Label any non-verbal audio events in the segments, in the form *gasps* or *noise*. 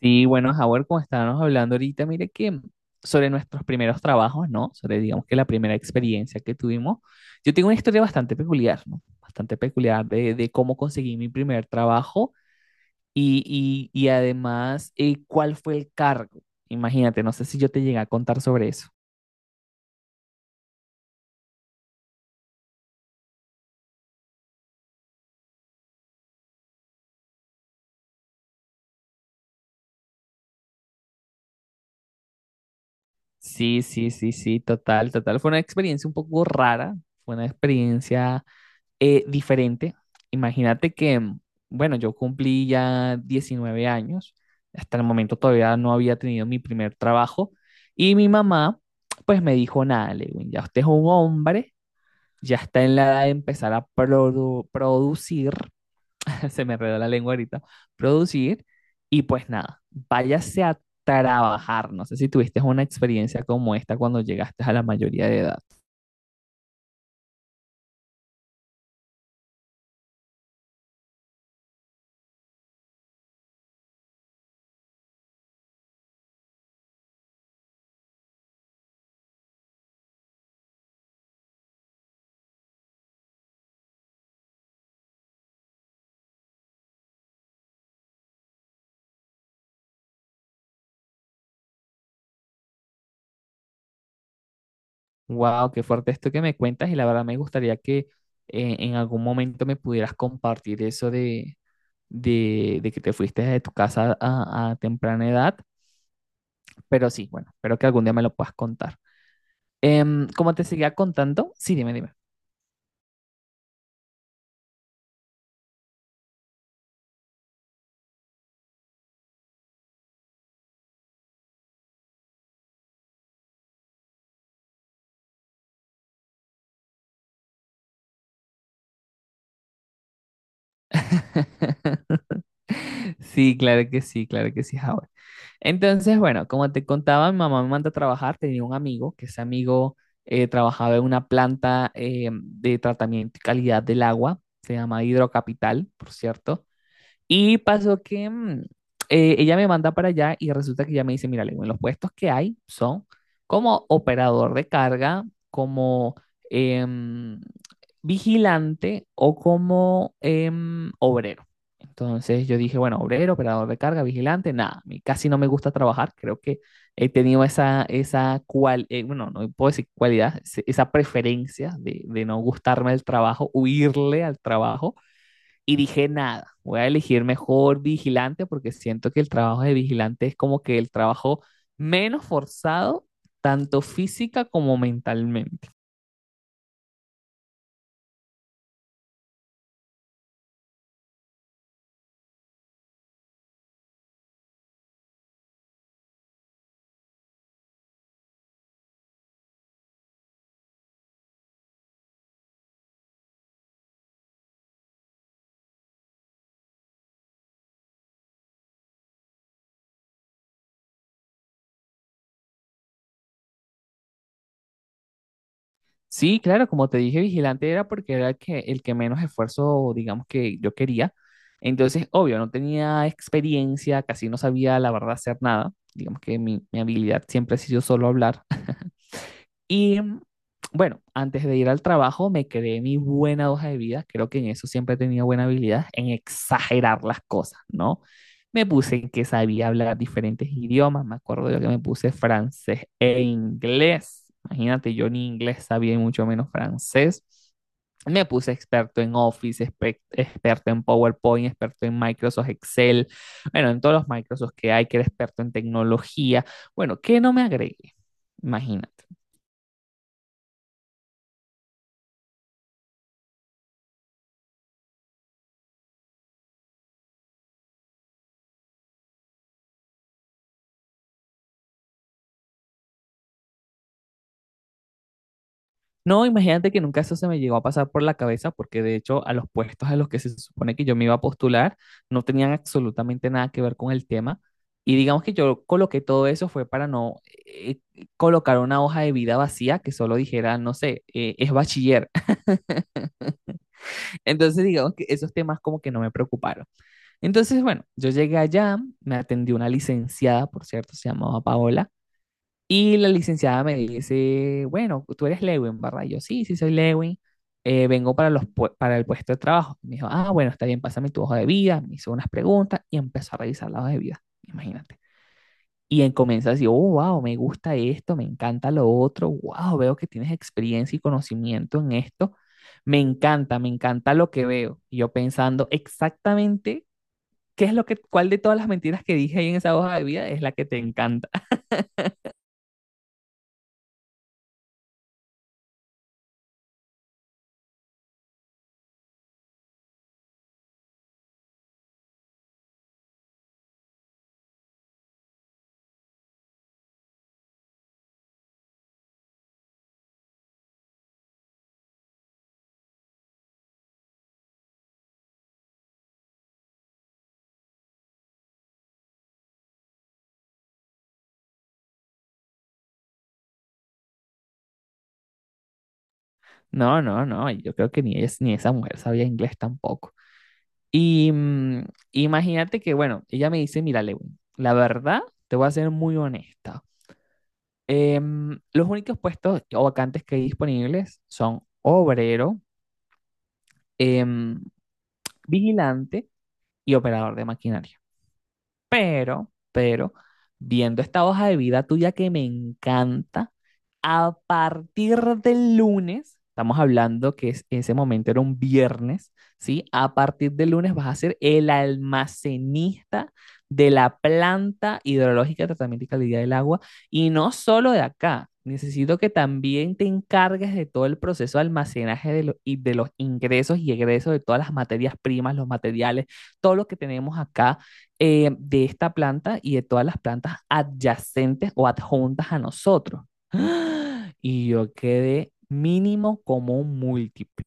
Sí, bueno, Howard, como estábamos hablando ahorita, mire que sobre nuestros primeros trabajos, ¿no? Sobre, digamos que la primera experiencia que tuvimos. Yo tengo una historia bastante peculiar, ¿no? Bastante peculiar de cómo conseguí mi primer trabajo y además cuál fue el cargo. Imagínate, no sé si yo te llegué a contar sobre eso. Sí, total, total. Fue una experiencia un poco rara, fue una experiencia diferente. Imagínate que, bueno, yo cumplí ya 19 años, hasta el momento todavía no había tenido mi primer trabajo y mi mamá pues me dijo, nada, Lewin, ya usted es un hombre, ya está en la edad de empezar a producir, *laughs* se me enredó la lengua ahorita, producir y pues nada, váyase a trabajar. No sé si tuviste una experiencia como esta cuando llegaste a la mayoría de edad. Wow, qué fuerte esto que me cuentas y la verdad me gustaría que en algún momento me pudieras compartir eso de que te fuiste de tu casa a temprana edad, pero sí, bueno, espero que algún día me lo puedas contar. Como te seguía contando, sí, dime, dime. *laughs* Sí, claro que sí, claro que sí, Howard. Entonces, bueno, como te contaba, mi mamá me manda a trabajar, tenía un amigo, que ese amigo trabajaba en una planta de tratamiento y calidad del agua, se llama Hidrocapital, por cierto. Y pasó que ella me manda para allá y resulta que ella me dice, mira, Lewin, los puestos que hay son como operador de carga, como em, vigilante o como obrero. Entonces yo dije, bueno, obrero, operador de carga, vigilante, nada, a mí casi no me gusta trabajar, creo que he tenido esa cual, bueno, no puedo decir cualidad, esa preferencia de no gustarme el trabajo, huirle al trabajo. Y dije, nada, voy a elegir mejor vigilante porque siento que el trabajo de vigilante es como que el trabajo menos forzado, tanto física como mentalmente. Sí, claro, como te dije, vigilante era porque era el que menos esfuerzo, digamos que yo quería. Entonces, obvio, no tenía experiencia, casi no sabía la verdad hacer nada. Digamos que mi habilidad siempre ha sido solo hablar. Y bueno, antes de ir al trabajo me creé mi buena hoja de vida, creo que en eso siempre he tenido buena habilidad, en exagerar las cosas, ¿no? Me puse que sabía hablar diferentes idiomas, me acuerdo yo que me puse francés e inglés, imagínate, yo ni inglés sabía y mucho menos francés. Me puse experto en Office, experto en PowerPoint, experto en Microsoft Excel, bueno, en todos los Microsoft que hay, que era experto en tecnología. Bueno, ¿qué no me agregué? Imagínate. No, imagínate que nunca eso se me llegó a pasar por la cabeza, porque de hecho a los puestos a los que se supone que yo me iba a postular no tenían absolutamente nada que ver con el tema. Y digamos que yo coloqué todo eso fue para no colocar una hoja de vida vacía que solo dijera, no sé, es bachiller. *laughs* Entonces digamos que esos temas como que no me preocuparon. Entonces, bueno, yo llegué allá, me atendió una licenciada, por cierto, se llamaba Paola. Y la licenciada me dice, bueno, tú eres Lewin, ¿verdad? Y yo, sí, sí soy Lewin, vengo para, para el puesto de trabajo. Me dijo, ah, bueno, está bien, pásame tu hoja de vida. Me hizo unas preguntas y empezó a revisar la hoja de vida, imagínate. Y él comienza así, oh, wow, me gusta esto, me encanta lo otro, wow, veo que tienes experiencia y conocimiento en esto, me encanta lo que veo. Y yo pensando exactamente qué es lo que, cuál de todas las mentiras que dije ahí en esa hoja de vida es la que te encanta. No, no, no, yo creo que ni esa mujer sabía inglés tampoco. Y imagínate que, bueno, ella me dice, mira, Lewin, la verdad, te voy a ser muy honesta. Los únicos puestos o vacantes que hay disponibles son obrero, em, vigilante y operador de maquinaria. Pero, viendo esta hoja de vida tuya que me encanta, a partir del lunes, estamos hablando que ese momento era un viernes, ¿sí? A partir del lunes vas a ser el almacenista de la planta hidrológica de tratamiento y calidad del agua, y no solo de acá. Necesito que también te encargues de todo el proceso de almacenaje y de los ingresos y egresos de todas las materias primas, los materiales, todo lo que tenemos acá de esta planta y de todas las plantas adyacentes o adjuntas a nosotros. *gasps* ¡Ah! Y yo quedé mínimo como un múltiple.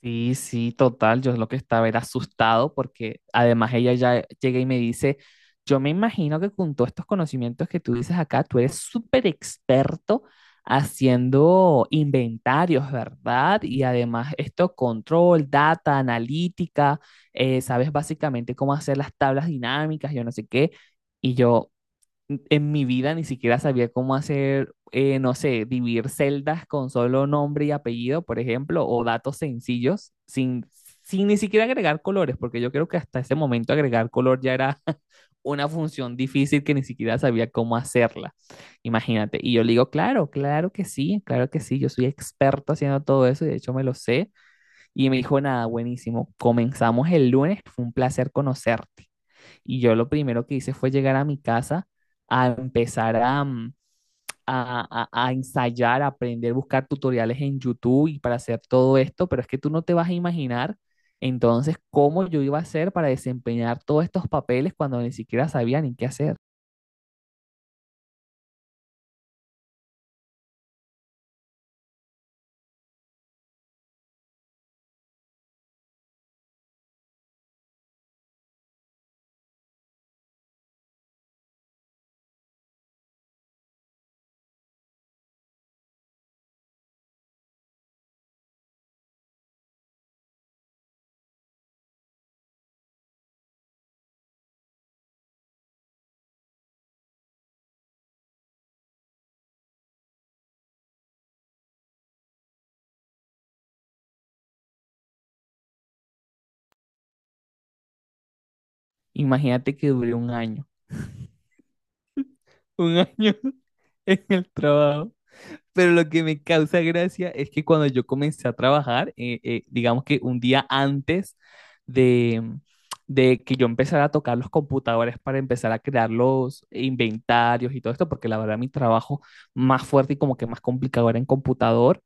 Sí, sí, total. Yo lo que estaba era asustado porque además ella ya llega y me dice, yo me imagino que con todos estos conocimientos que tú dices acá, tú eres súper experto haciendo inventarios, ¿verdad? Y además esto, control, data, analítica, sabes básicamente cómo hacer las tablas dinámicas, yo no sé qué. Y yo, en mi vida ni siquiera sabía cómo hacer, no sé, dividir celdas con solo nombre y apellido, por ejemplo, o datos sencillos, sin ni siquiera agregar colores, porque yo creo que hasta ese momento agregar color ya era *laughs* una función difícil que ni siquiera sabía cómo hacerla. Imagínate. Y yo le digo, claro, claro que sí, yo soy experto haciendo todo eso y de hecho me lo sé. Y me dijo, nada, buenísimo, comenzamos el lunes, fue un placer conocerte. Y yo lo primero que hice fue llegar a mi casa a empezar a ensayar, a aprender, buscar tutoriales en YouTube y para hacer todo esto, pero es que tú no te vas a imaginar entonces cómo yo iba a hacer para desempeñar todos estos papeles cuando ni siquiera sabía ni qué hacer. Imagínate que duré un año *laughs* en el trabajo. Pero lo que me causa gracia es que cuando yo comencé a trabajar, digamos que un día antes de, mm, de que yo empezara a tocar los computadores para empezar a crear los inventarios y todo esto, porque la verdad mi trabajo más fuerte y como que más complicado era en computador,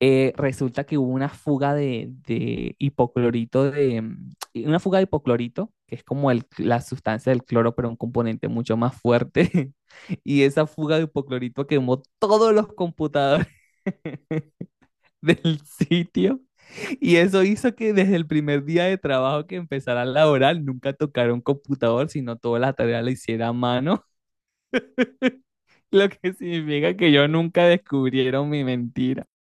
resulta que hubo una fuga de hipoclorito una fuga de hipoclorito, que es como la sustancia del cloro, pero un componente mucho más fuerte. *laughs* Y esa fuga de hipoclorito quemó todos los computadores *laughs* del sitio. Y eso hizo que desde el primer día de trabajo que empezara a laborar, nunca tocara un computador, sino toda la tarea la hiciera a mano, *laughs* lo que significa que yo nunca descubrieron mi mentira.